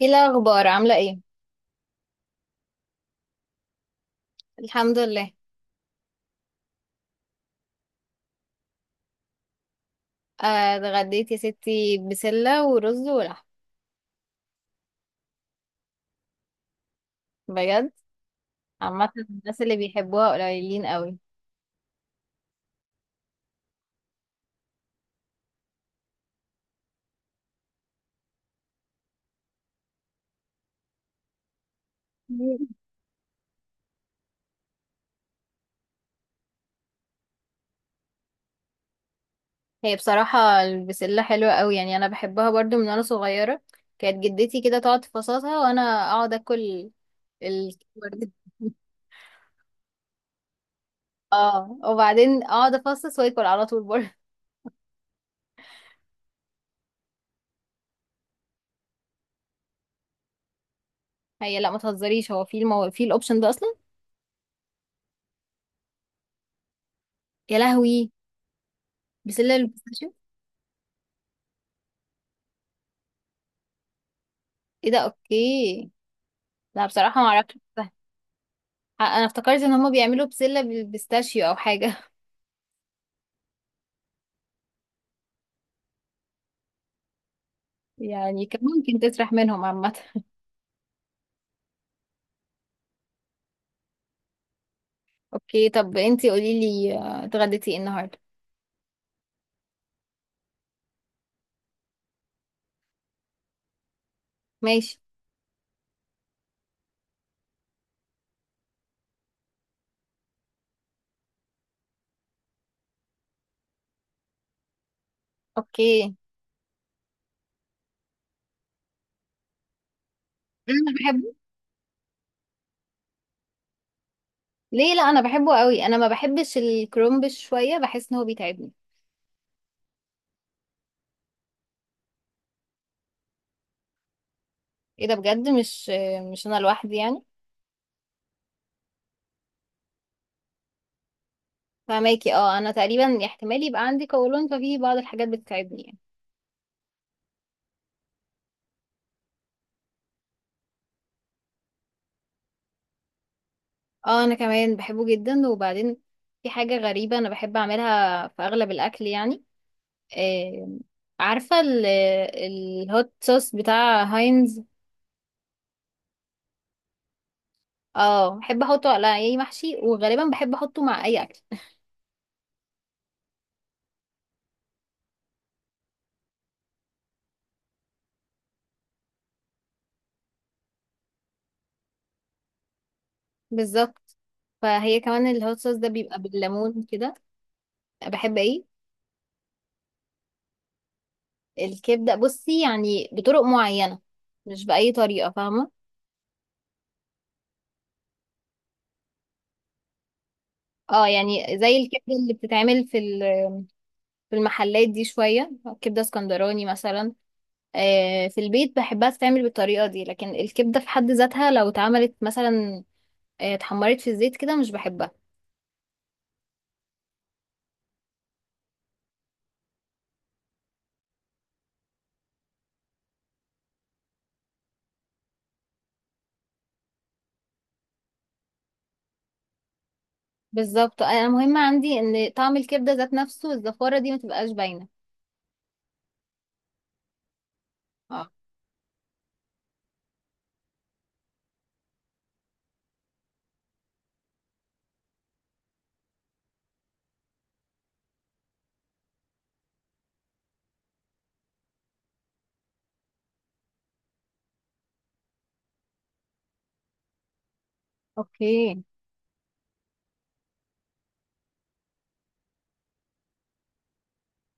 ايه الاخبار؟ عامله ايه؟ الحمد لله. اتغديت يا ستي بسله ورز ولحم. بجد؟ عامه الناس اللي بيحبوها قليلين قوي. هي بصراحه البسله حلوه قوي، يعني انا بحبها برضو من وانا صغيره. كانت جدتي كده تقعد تفصصها وانا اقعد اكل ال... اه، وبعدين اقعد افصص واكل على طول برضه. هي لا ما تهزريش، هو في في الاوبشن ده اصلا؟ يا لهوي، بسله البيستاشيو! ايه ده، اوكي. لا بصراحه ما اعرفش. انا افتكرت ان هما بيعملوا بسلة بالبيستاشيو او حاجة. يعني كان ممكن تسرح منهم عامة. اوكي، طب انتي قولي لي، اتغديتي ايه النهاردة؟ ماشي. اوكي. انا بحبه. ليه؟ لا انا بحبه قوي، انا ما بحبش الكرومبش شوية، بحس ان هو بيتعبني. ايه ده بجد؟ مش انا لوحدي يعني. فماكي اه، انا تقريبا احتمال يبقى عندي قولون ففي بعض الحاجات بتتعبني يعني. اه انا كمان بحبه جدا. وبعدين في حاجة غريبة انا بحب اعملها في اغلب الاكل يعني. آه، عارفة الهوت صوص بتاع هاينز؟ اه بحب احطه على اي محشي، وغالبا بحب احطه مع اي اكل. بالظبط. فهي كمان الهوت صوص ده بيبقى بالليمون كده. بحب ايه؟ الكبدة؟ بصي، يعني بطرق معينة، مش بأي طريقة، فاهمة. اه يعني زي الكبدة اللي بتتعمل في في المحلات دي شوية، كبدة اسكندراني مثلا. آه، في البيت بحبها تتعمل بالطريقة دي، لكن الكبدة في حد ذاتها لو اتعملت مثلا، اتحمرت في الزيت كده، مش بحبها. بالظبط، انا مهم عندي ان طعم الكبده ذات نفسه، الزفاره دي ما تبقاش باينه. اه. اوكي.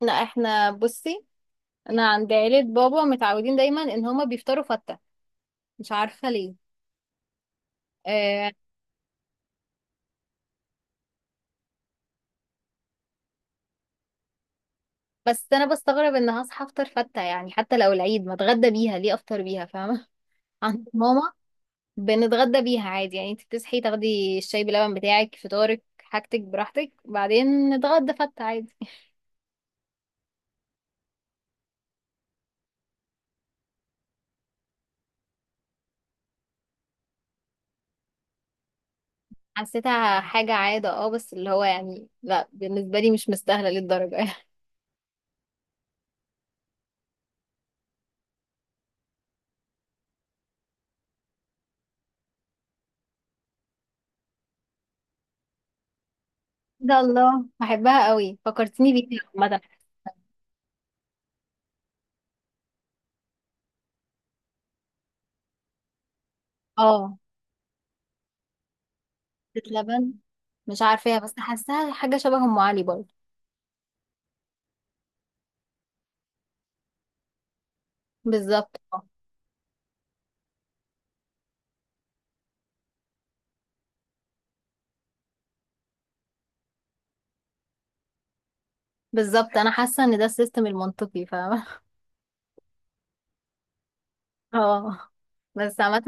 لا احنا بصي، انا عند عيلة بابا متعودين دايما ان هما بيفطروا فتة، مش عارفة ليه. آه. بس انا بستغرب ان هصحى افطر فتة، يعني حتى لو العيد ما اتغدى بيها، ليه افطر بيها، فاهمة؟ عند ماما بنتغدى بيها عادي يعني، انت بتصحي تاخدي الشاي بلبن بتاعك، فطارك، حاجتك براحتك، بعدين نتغدى فتة عادي. حسيتها حاجة عادة اه، بس اللي هو يعني، لا بالنسبة لي مش مستاهلة للدرجة يعني. ده الله، بحبها قوي، فكرتيني بيها عامة. اه، زيت لبن؟ مش عارفاها، بس حاساها حاجة شبه أم علي برضه. بالظبط اه. بالظبط، أنا حاسة إن ده السيستم المنطقي، فاهمة. اه. بس عامة،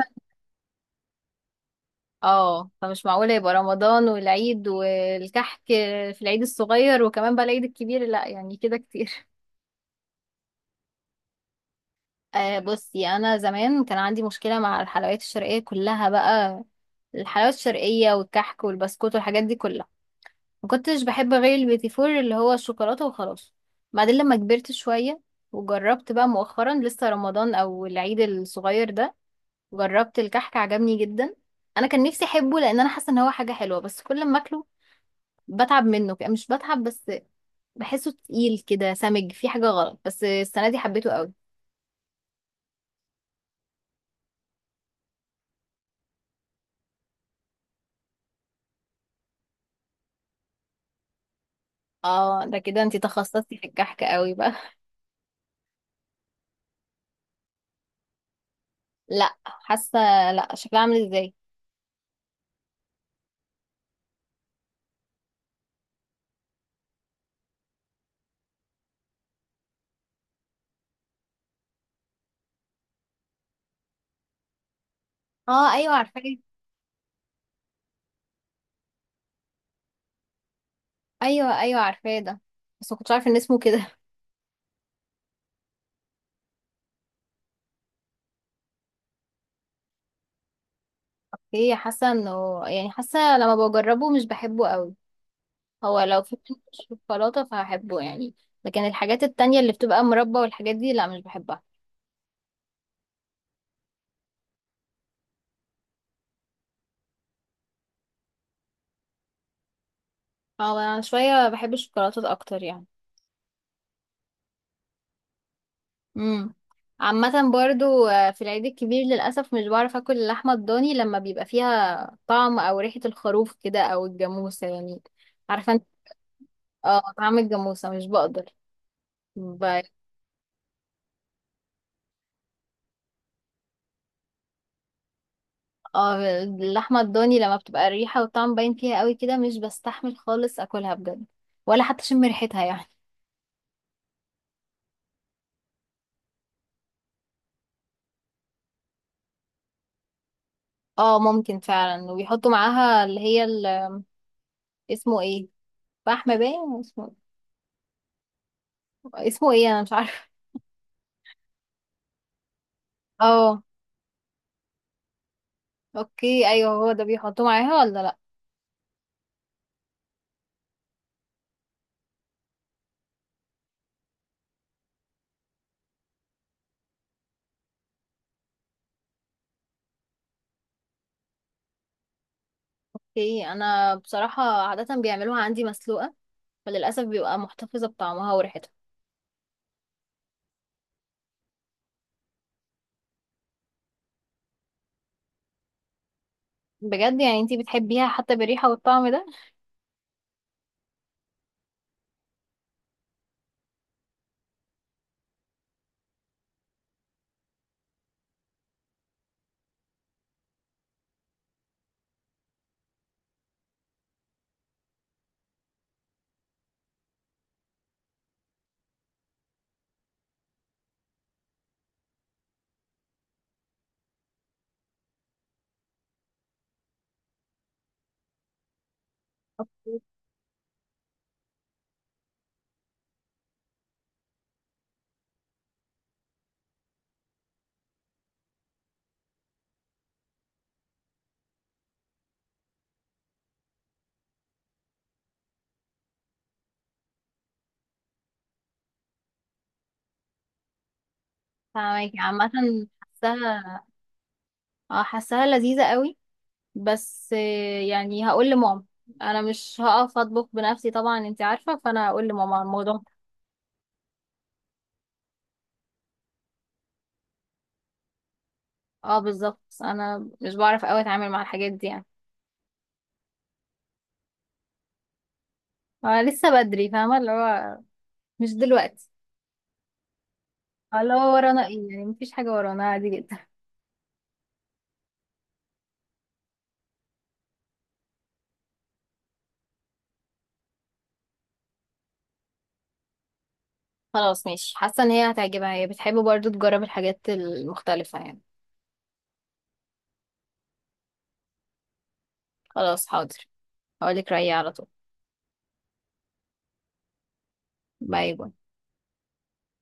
اه، فمش معقولة يبقى رمضان والعيد والكحك في العيد الصغير، وكمان بقى العيد الكبير، لا يعني كده كتير. آه بصي، انا زمان كان عندي مشكله مع الحلويات الشرقيه كلها بقى، الحلويات الشرقيه والكحك والبسكوت والحاجات دي كلها، ما كنتش بحب غير البيتي فور اللي هو الشوكولاته وخلاص. بعدين لما كبرت شويه وجربت بقى مؤخرا، لسه رمضان او العيد الصغير ده، جربت الكحك عجبني جدا. انا كان نفسي احبه لان انا حاسه ان هو حاجه حلوه، بس كل ما اكله بتعب منه، مش بتعب بس، بحسه تقيل كده سمج، في حاجه غلط، بس السنه دي حبيته قوي. اه ده كده انتي تخصصتي في الكحك قوي بقى. لا حاسه، لا شكلها عامل ازاي؟ اه ايوه عارفاه. ايوه ايوه عارفاه ده، بس ما كنتش عارفه ان اسمه كده. اوكي، حاسه انه يعني، حاسه لما بجربه مش بحبه قوي. هو لو في منه شوكولاته فهحبه يعني، لكن الحاجات التانية اللي بتبقى مربى والحاجات دي لا مش بحبها. اه انا شويه بحب الشوكولاتات اكتر يعني. امم. عامة برضو، في العيد الكبير للأسف مش بعرف أكل اللحمة الضاني لما بيبقى فيها طعم أو ريحة الخروف كده، أو الجاموسة يعني. عارفة أنت، اه، طعم الجاموسة مش بقدر. ب... اه اللحمة الضاني لما بتبقى الريحة والطعم باين فيها قوي كده، مش بستحمل خالص أكلها بجد، ولا حتى أشم ريحتها يعني. اه ممكن فعلا، وبيحطوا معاها اللي هي اسمه ايه؟ فحم باين اسمه. اسمه ايه؟ أنا مش عارفة. اه. اوكي ايوه، هو ده بيحطوه معاها ولا لأ؟ اوكي انا بصراحه عاده بيعملوها عندي مسلوقه، فللاسف بيبقى محتفظه بطعمها وريحتها. بجد؟ يعني انتي بتحبيها حتى بالريحه والطعم ده؟ فاهمك عامه. حاساها، اه حاساها لذيذه قوي. بس يعني هقول لماما، انا مش هقف اطبخ بنفسي طبعا، انتي عارفه، فانا هقول لماما على الموضوع ده. اه بالظبط، انا مش بعرف قوي اتعامل مع الحاجات دي يعني. آه لسه بدري، فاهمه اللي هو مش دلوقتي. اللي هو ورانا ايه يعني، مفيش حاجه ورانا، عادي جدا. خلاص ماشي، حاسة ان هي هتعجبها، هي بتحب برضو تجرب الحاجات المختلفة يعني. خلاص حاضر، هقولك رأيي على طول. باي باي.